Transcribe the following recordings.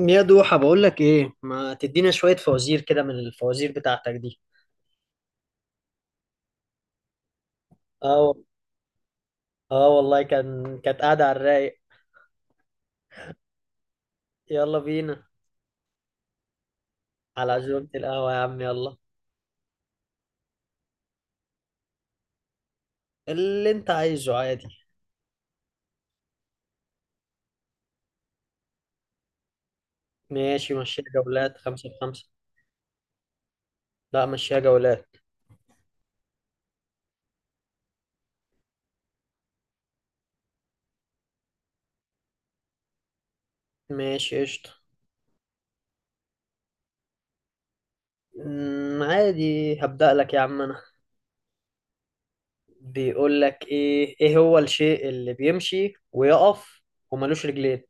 يا دوحة بقول لك ايه؟ ما تدينا شوية فوازير كده من الفوازير بتاعتك دي. اه. اه والله كانت قاعدة على الرايق. يلا بينا. على عزومة القهوة يا عم يلا. اللي انت عايزه عادي. ماشي مشيها جولات خمسة بخمسة. لا مشيها جولات. ماشي قشطة. عادي هبدأ لك يا عم انا. بيقول لك ايه، ايه هو الشيء اللي بيمشي ويقف وملوش رجلين؟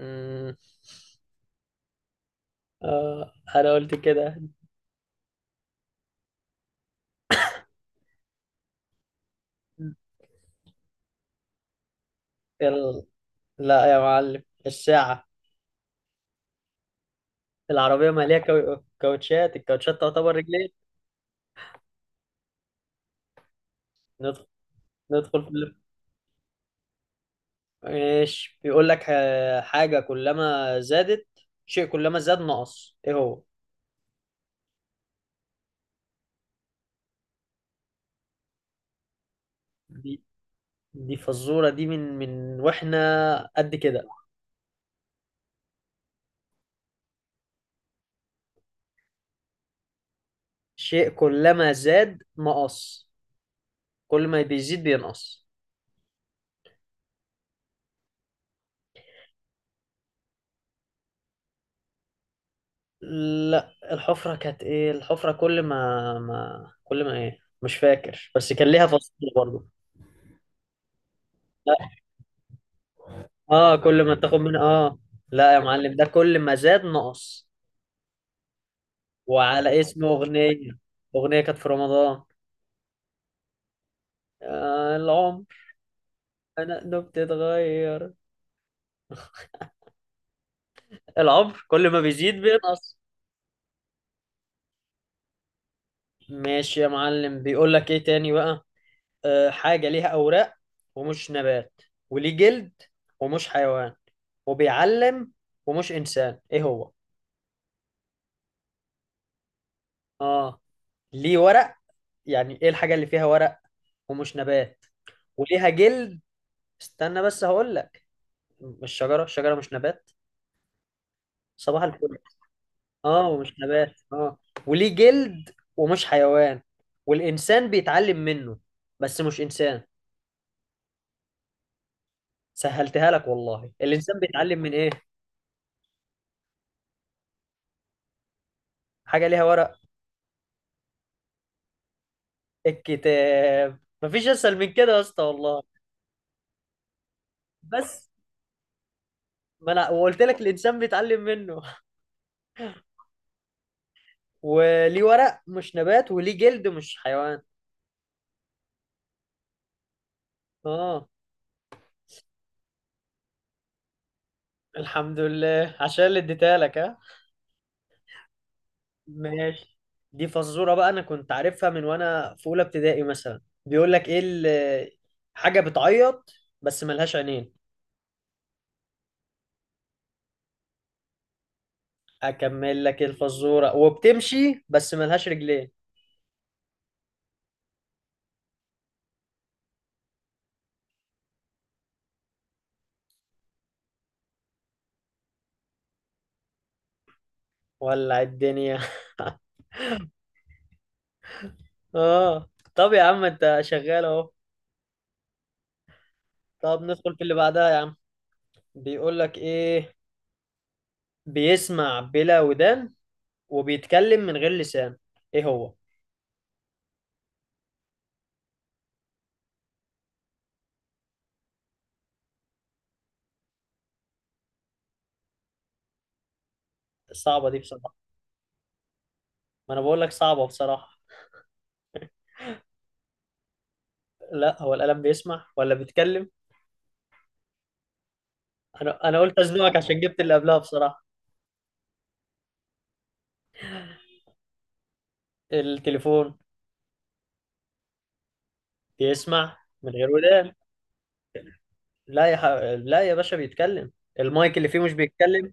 أمم. اه انا قلت كده. يلا. لا يا معلم الساعة. العربية مالية كاو- كاوتشات الكاوتشات تعتبر رجلين. ندخل ندخل في اللف. ماشي. بيقول لك حاجة كلما زادت، شيء كلما زاد نقص، ايه هو؟ دي دي فزورة دي من واحنا قد كده. شيء كلما زاد نقص، كل ما بيزيد بينقص. لا الحفرة كانت ايه؟ الحفرة كل ما ايه، مش فاكر، بس كان ليها فزورة برضه. اه كل ما تاخد منها اه. لا يا معلم، ده كل ما زاد نقص. وعلى اسم اغنيه، اغنيه كانت في رمضان. العمر. انه بتتغير. العمر كل ما بيزيد بينقص. ماشي يا معلم. بيقول لك ايه تاني بقى؟ حاجه ليها اوراق ومش نبات، وليه جلد ومش حيوان، وبيعلم ومش انسان، ايه هو؟ اه ليه ورق، يعني ايه الحاجه اللي فيها ورق ومش نبات وليها جلد؟ استنى بس هقول لك. مش شجره، الشجره مش نبات. صباح الفل. اه ومش نبات اه. وليه جلد ومش حيوان، والانسان بيتعلم منه، بس مش انسان. سهلتها لك والله، الانسان بيتعلم من ايه؟ حاجه ليها ورق. الكتاب، مفيش اسهل من كده يا اسطى والله. بس ما انا وقلت لك الانسان بيتعلم منه، وليه ورق مش نبات، وليه جلد مش حيوان. اه. الحمد لله عشان اللي اديتها لك ها. ماشي. دي فزورة بقى، أنا كنت عارفها من وأنا في أولى ابتدائي مثلا. بيقول لك إيه حاجة بتعيط بس ملهاش عينين. أكمل لك الفزورة، وبتمشي بس ملهاش رجلين. ولع الدنيا. آه. طب يا عم أنت شغال أهو. طب ندخل في اللي بعدها يا عم. بيقول لك إيه؟ بيسمع بلا ودان، وبيتكلم من غير لسان، إيه هو؟ صعبة دي بصراحة. ما أنا بقول لك صعبة بصراحة. لا هو القلم بيسمع ولا بيتكلم؟ انا قلت ازنقك عشان جبت اللي قبلها بصراحه. التليفون بيسمع من غير ودان. لا يا ح... لا يا باشا بيتكلم، المايك اللي فيه مش بيتكلم؟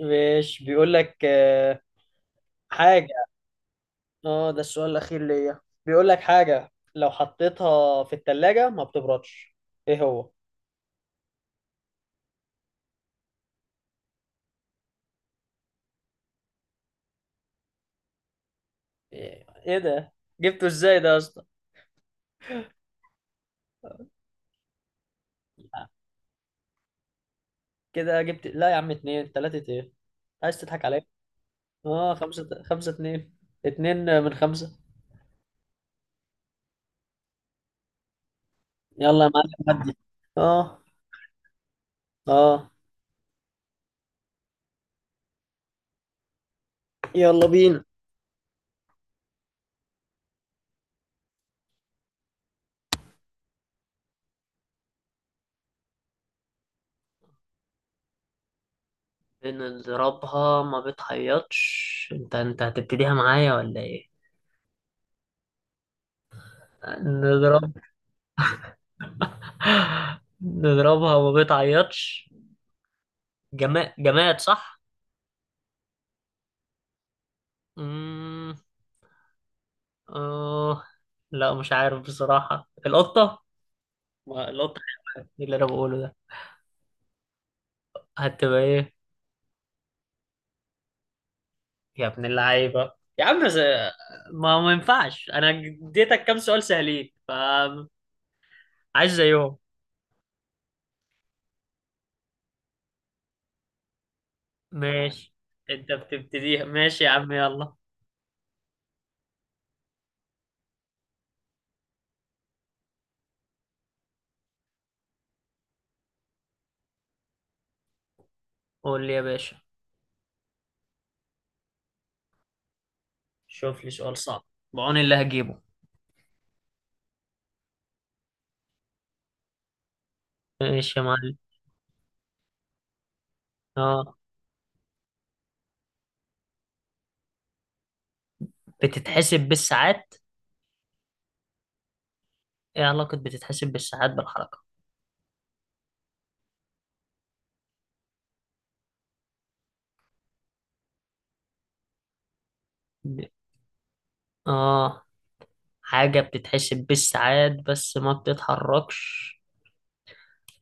مش بيقول لك حاجه. اه ده السؤال الاخير ليا. بيقول لك حاجه لو حطيتها في التلاجة ما بتبردش، ايه هو؟ إيه ده، جبته ازاي ده يا اسطى؟ كده جبت، لا يا عم، اتنين تلاتة ايه، عايز تضحك عليا؟ اه خمسة، خمسة اتنين، اتنين من خمسة. يلا يا معلم ودي. اه اه. يلا بينا. بنضربها ما بتعيطش، انت هتبتديها معايا ولا ايه؟ نضرب. نضربها ما بتعيطش. جماد، جماد صح. امم اه. لا مش عارف بصراحة، القطة، ما القطة حيوان. ايه اللي انا بقوله ده. هتبقى ايه؟ يا ابن اللعيبة يا عم، ما ينفعش، انا اديتك كام سؤال سهلين فعايز زيهم. ماشي. انت بتبتديها، ماشي يا عم يلا. قول لي يا باشا. شوف لي سؤال صعب. بعون اللي هجيبه. ماشي يا معلم. اه. بتتحسب بالساعات، ايه علاقة بتتحسب بالساعات بالحركة؟ ب... اه، حاجة بتتحسب بالساعات بس ما بتتحركش،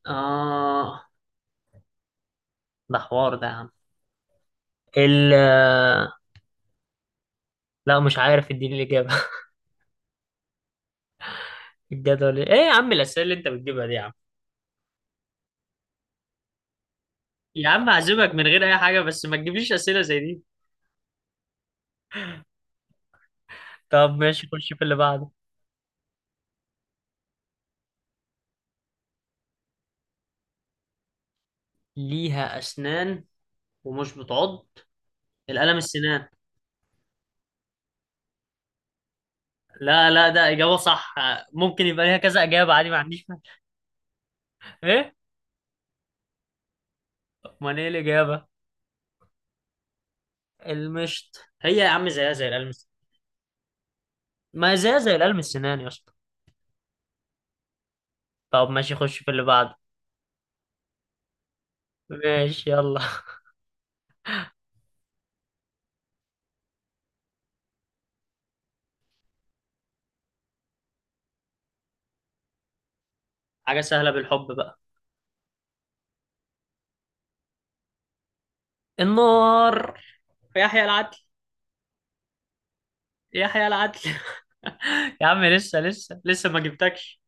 اه، ده حوار ده يا عم. ال آه، لا مش عارف، اديني الإجابة. الجدول، إيه يا عم الأسئلة اللي انت بتجيبها دي يا عم. يا عم هعزمك من غير أي حاجة، بس ما تجيبليش أسئلة زي دي. طب ماشي، خش في اللي بعده. ليها أسنان ومش بتعض، القلم السنان. لا لا، ده إجابة صح، ممكن يبقى ليها كذا إجابة عادي، ما عنديش. إيه؟ أمال إيه الإجابة؟ المشط، هي يا عم زيها زي الألمس. ما هي زيها زي الألمس، سنان يا اسطى. طب ماشي، خش في اللي بعده. ماشي يلا. حاجة سهلة بالحب بقى. النار. يحيى العدل. يحيى العدل. يا عم لسه لسه لسه ما جبتكش.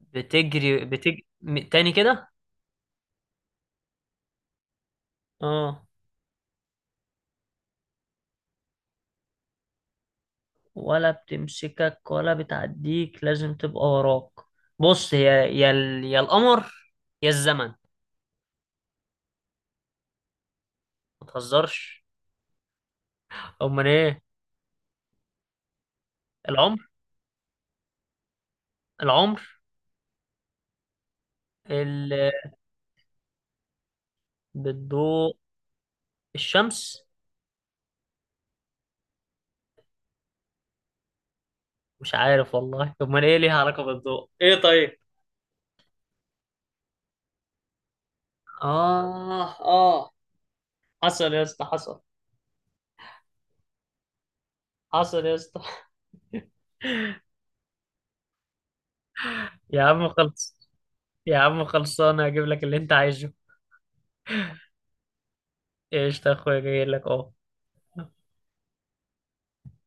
بتجري تاني كده. اه. ولا بتمسكك ولا بتعديك، لازم تبقى وراك. بص هي يا يا القمر، يا الزمن. ما تهزرش. امال ايه؟ العمر، العمر. ال... بالضوء؟ الشمس. مش عارف والله، امال ايه، ليها علاقة بالضوء ايه طيب. اه اه. حصل يا اسطى حصل. حصل يا اسطى. يا عم خلص. يا عم خلصانه، هجيب لك اللي انت عايزه. ايش يا اخويا، جاي لك اهو.